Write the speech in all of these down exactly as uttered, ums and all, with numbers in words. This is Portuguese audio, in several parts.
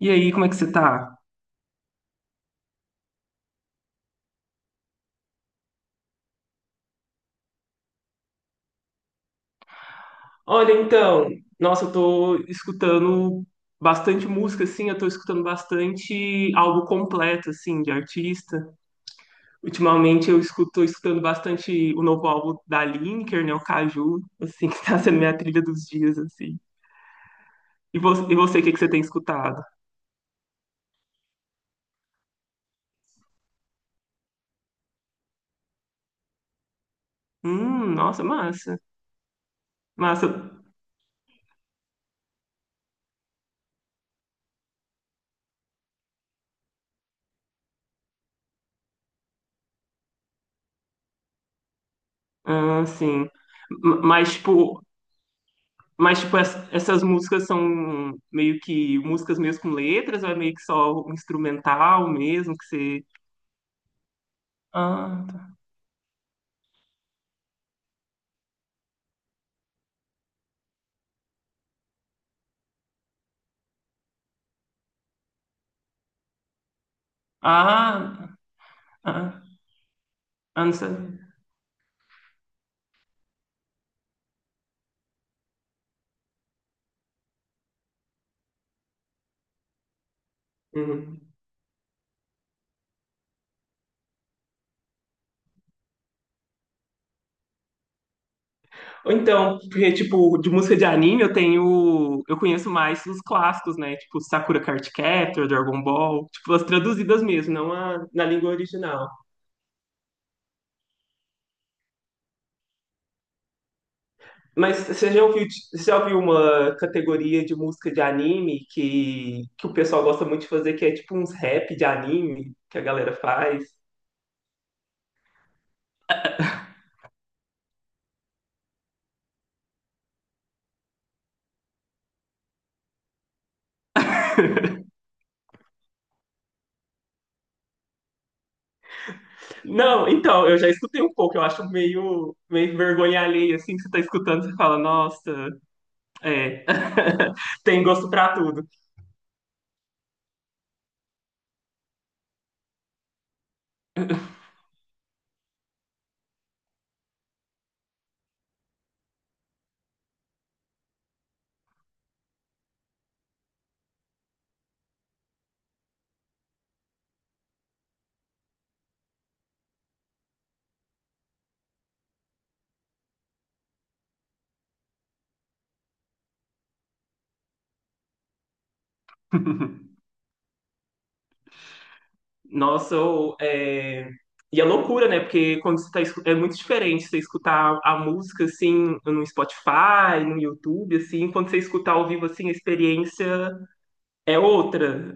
E aí, como é que você tá? Olha, então, nossa, eu tô escutando bastante música, assim, eu tô escutando bastante álbum completo, assim, de artista. Ultimamente eu escuto, tô escutando bastante o novo álbum da Lineker, né, o Caju, assim, que tá sendo minha trilha dos dias, assim. E você, e você, o que que você tem escutado? Hum, nossa, massa, massa, ah, sim. M- Mas, tipo, Mas, tipo, es- essas músicas são meio que músicas mesmo com letras, ou é meio que só um instrumental mesmo, que você. Ah, tá. Ah, ah, ah, não sei. Uhum. Ou então, porque, tipo, de música de anime eu tenho. Eu conheço mais os clássicos, né? Tipo, Sakura Card Captor, Dragon Ball. Tipo, as traduzidas mesmo, não a, na língua original. Mas você já ouviu, você já ouviu uma categoria de música de anime que, que o pessoal gosta muito de fazer, que é tipo uns rap de anime que a galera faz? Não, então, eu já escutei um pouco, eu acho meio, meio vergonha alheia, assim, que você tá escutando, você fala, nossa, é, tem gosto pra tudo. Nossa, ou é, e é loucura, né? Porque quando você tá, escu- é muito diferente você escutar a música assim no Spotify, no YouTube, assim, quando você escutar ao vivo assim, a experiência é outra.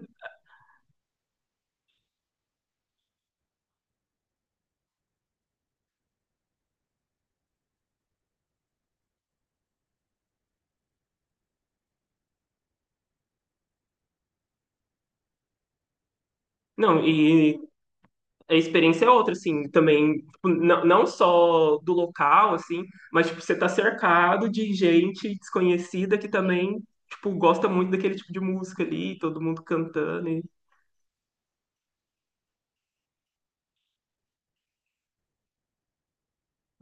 Não, e a experiência é outra, assim, também, tipo, não, não só do local, assim, mas, tipo, você tá cercado de gente desconhecida que também, tipo, gosta muito daquele tipo de música ali, todo mundo cantando e...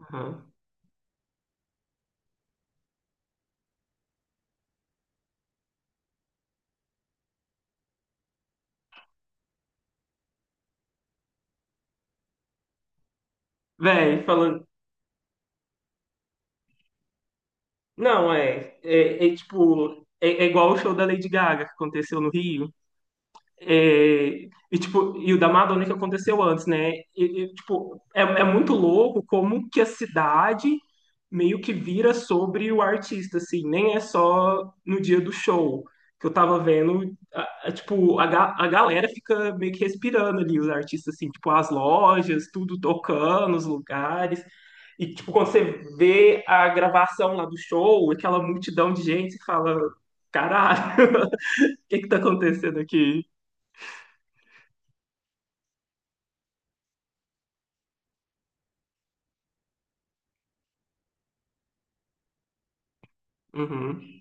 Aham. Véi, falando... Não, é, é, é, tipo, é, é igual o show da Lady Gaga que aconteceu no Rio. É, e, tipo, e o da Madonna que aconteceu antes, né? E, e, tipo, é, é muito louco como que a cidade meio que vira sobre o artista, assim. Nem é só no dia do show que eu tava vendo. a- a- tipo, a, ga- a galera fica meio que respirando ali, os artistas, assim. Tipo, as lojas, tudo tocando, os lugares. E, tipo, quando você vê a gravação lá do show, aquela multidão de gente, você fala... Caralho, o que que tá acontecendo aqui? Uhum.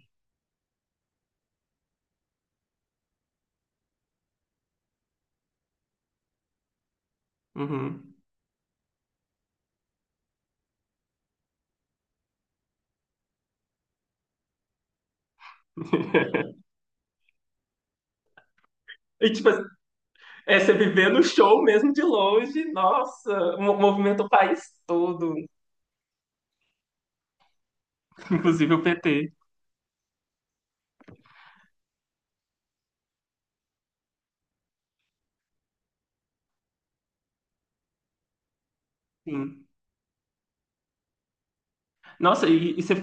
Uhum. E tipo, é você viver no show mesmo de longe, nossa, mo- movimenta o país todo, inclusive o P T. Sim. Nossa, e, e você,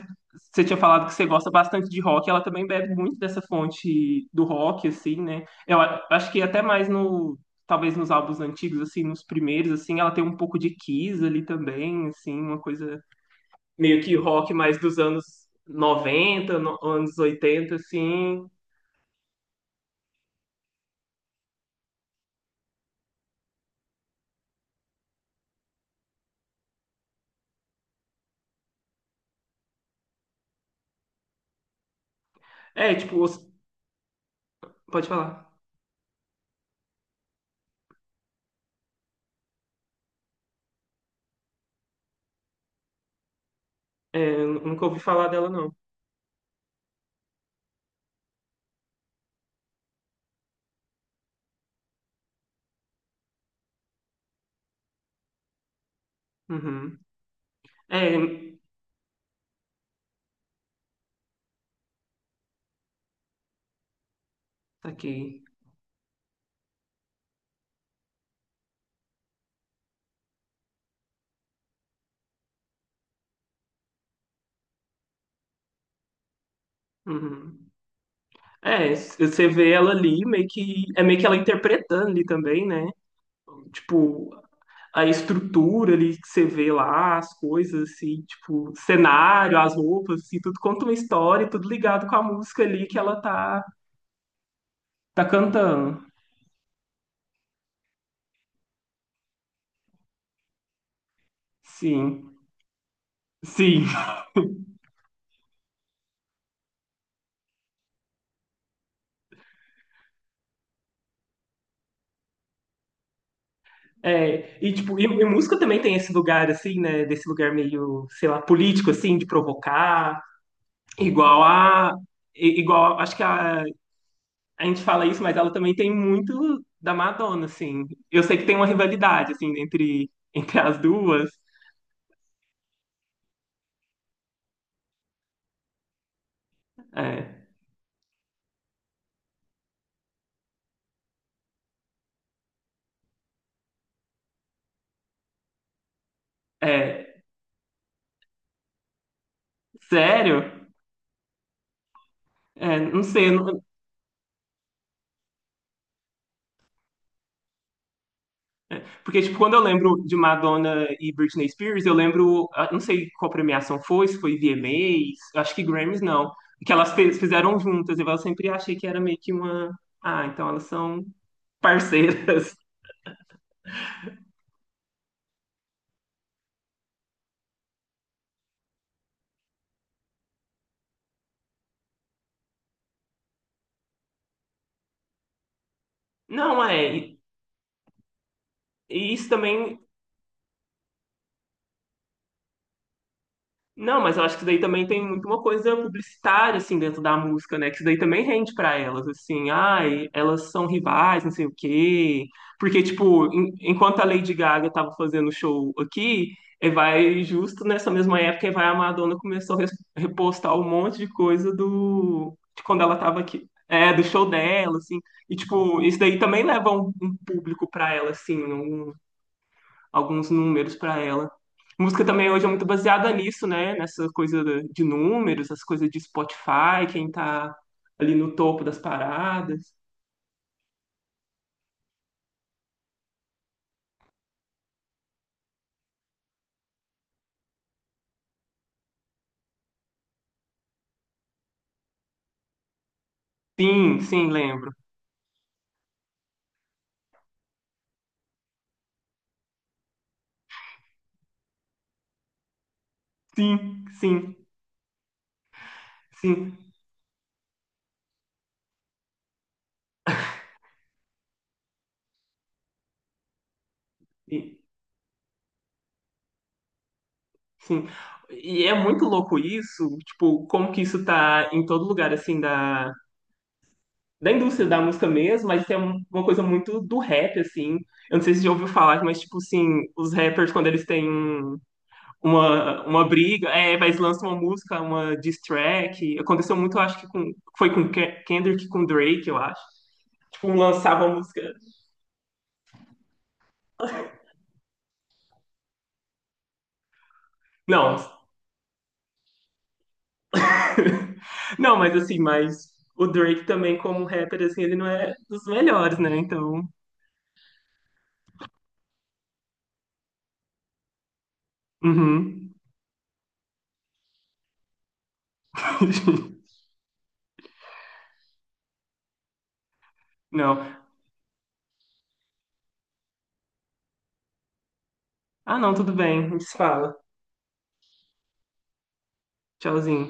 você tinha falado que você gosta bastante de rock, ela também bebe muito dessa fonte do rock, assim, né? Eu a- acho que até mais no, talvez nos álbuns antigos, assim, nos primeiros, assim, ela tem um pouco de Kiss ali também, assim, uma coisa meio que rock mais dos anos noventa no- anos oitenta assim. É, tipo, os- pode falar. Eu nunca ouvi falar dela, não. Uhum. É, tá aqui. Uhum. É, c- você vê ela ali, meio que. É meio que ela interpretando ali também, né? Tipo, a estrutura ali que você vê lá, as coisas, assim, tipo, cenário, as roupas, assim, tudo conta uma história, e tudo ligado com a música ali que ela tá, tá cantando. Sim. Sim, é, e tipo, e, e música também tem esse lugar assim, né, desse lugar meio, sei lá, político assim, de provocar, igual a. i- Igual, acho que a, a gente fala isso, mas ela também tem muito da Madonna, assim. Eu sei que tem uma rivalidade, assim, entre, entre as duas. É, é, sério? É, não sei. Eu não- porque, tipo, quando eu lembro de Madonna e Britney Spears, eu lembro. Ah, não sei qual premiação foi, se foi V M As, eu acho que Grammys não. Que elas fe- fizeram juntas. E eu sempre achei que era meio que uma. Ah, então elas são parceiras. Não, é. E e isso também. Não, mas eu acho que isso daí também tem muito uma coisa publicitária, assim, dentro da música, né? Que isso daí também rende pra elas, assim, ai, elas são rivais, não sei o quê. Porque, tipo, en- enquanto a Lady Gaga tava fazendo show aqui, eh, vai justo nessa mesma época, eh, vai a Madonna começou a res- repostar um monte de coisa do de quando ela tava aqui. É, do show dela, assim. E, tipo, isso daí também leva um, um público pra ela, assim, alguns números para ela. Música também hoje é muito baseada nisso, né? Nessa coisa de números, as coisas de Spotify, quem tá ali no topo das paradas. Sim, sim, lembro. Sim, sim, sim, e- sim. E é muito louco isso, tipo, como que isso tá em todo lugar, assim, da, da indústria da música mesmo, mas tem uma coisa muito do rap, assim. Eu não sei se você já ouviu falar, mas, tipo, assim, os rappers, quando eles têm um uma, uma briga, é, mas lança uma música, uma diss track. Aconteceu muito, eu acho que com, foi com Ke- Kendrick, e com Drake, eu acho. Tipo, um lançava a música. Não. Não, mas assim, mas o Drake também, como rapper, assim, ele não é dos melhores, né? Então. Uhum. Não. Ah, não, tudo bem. A gente se fala. Tchauzinho.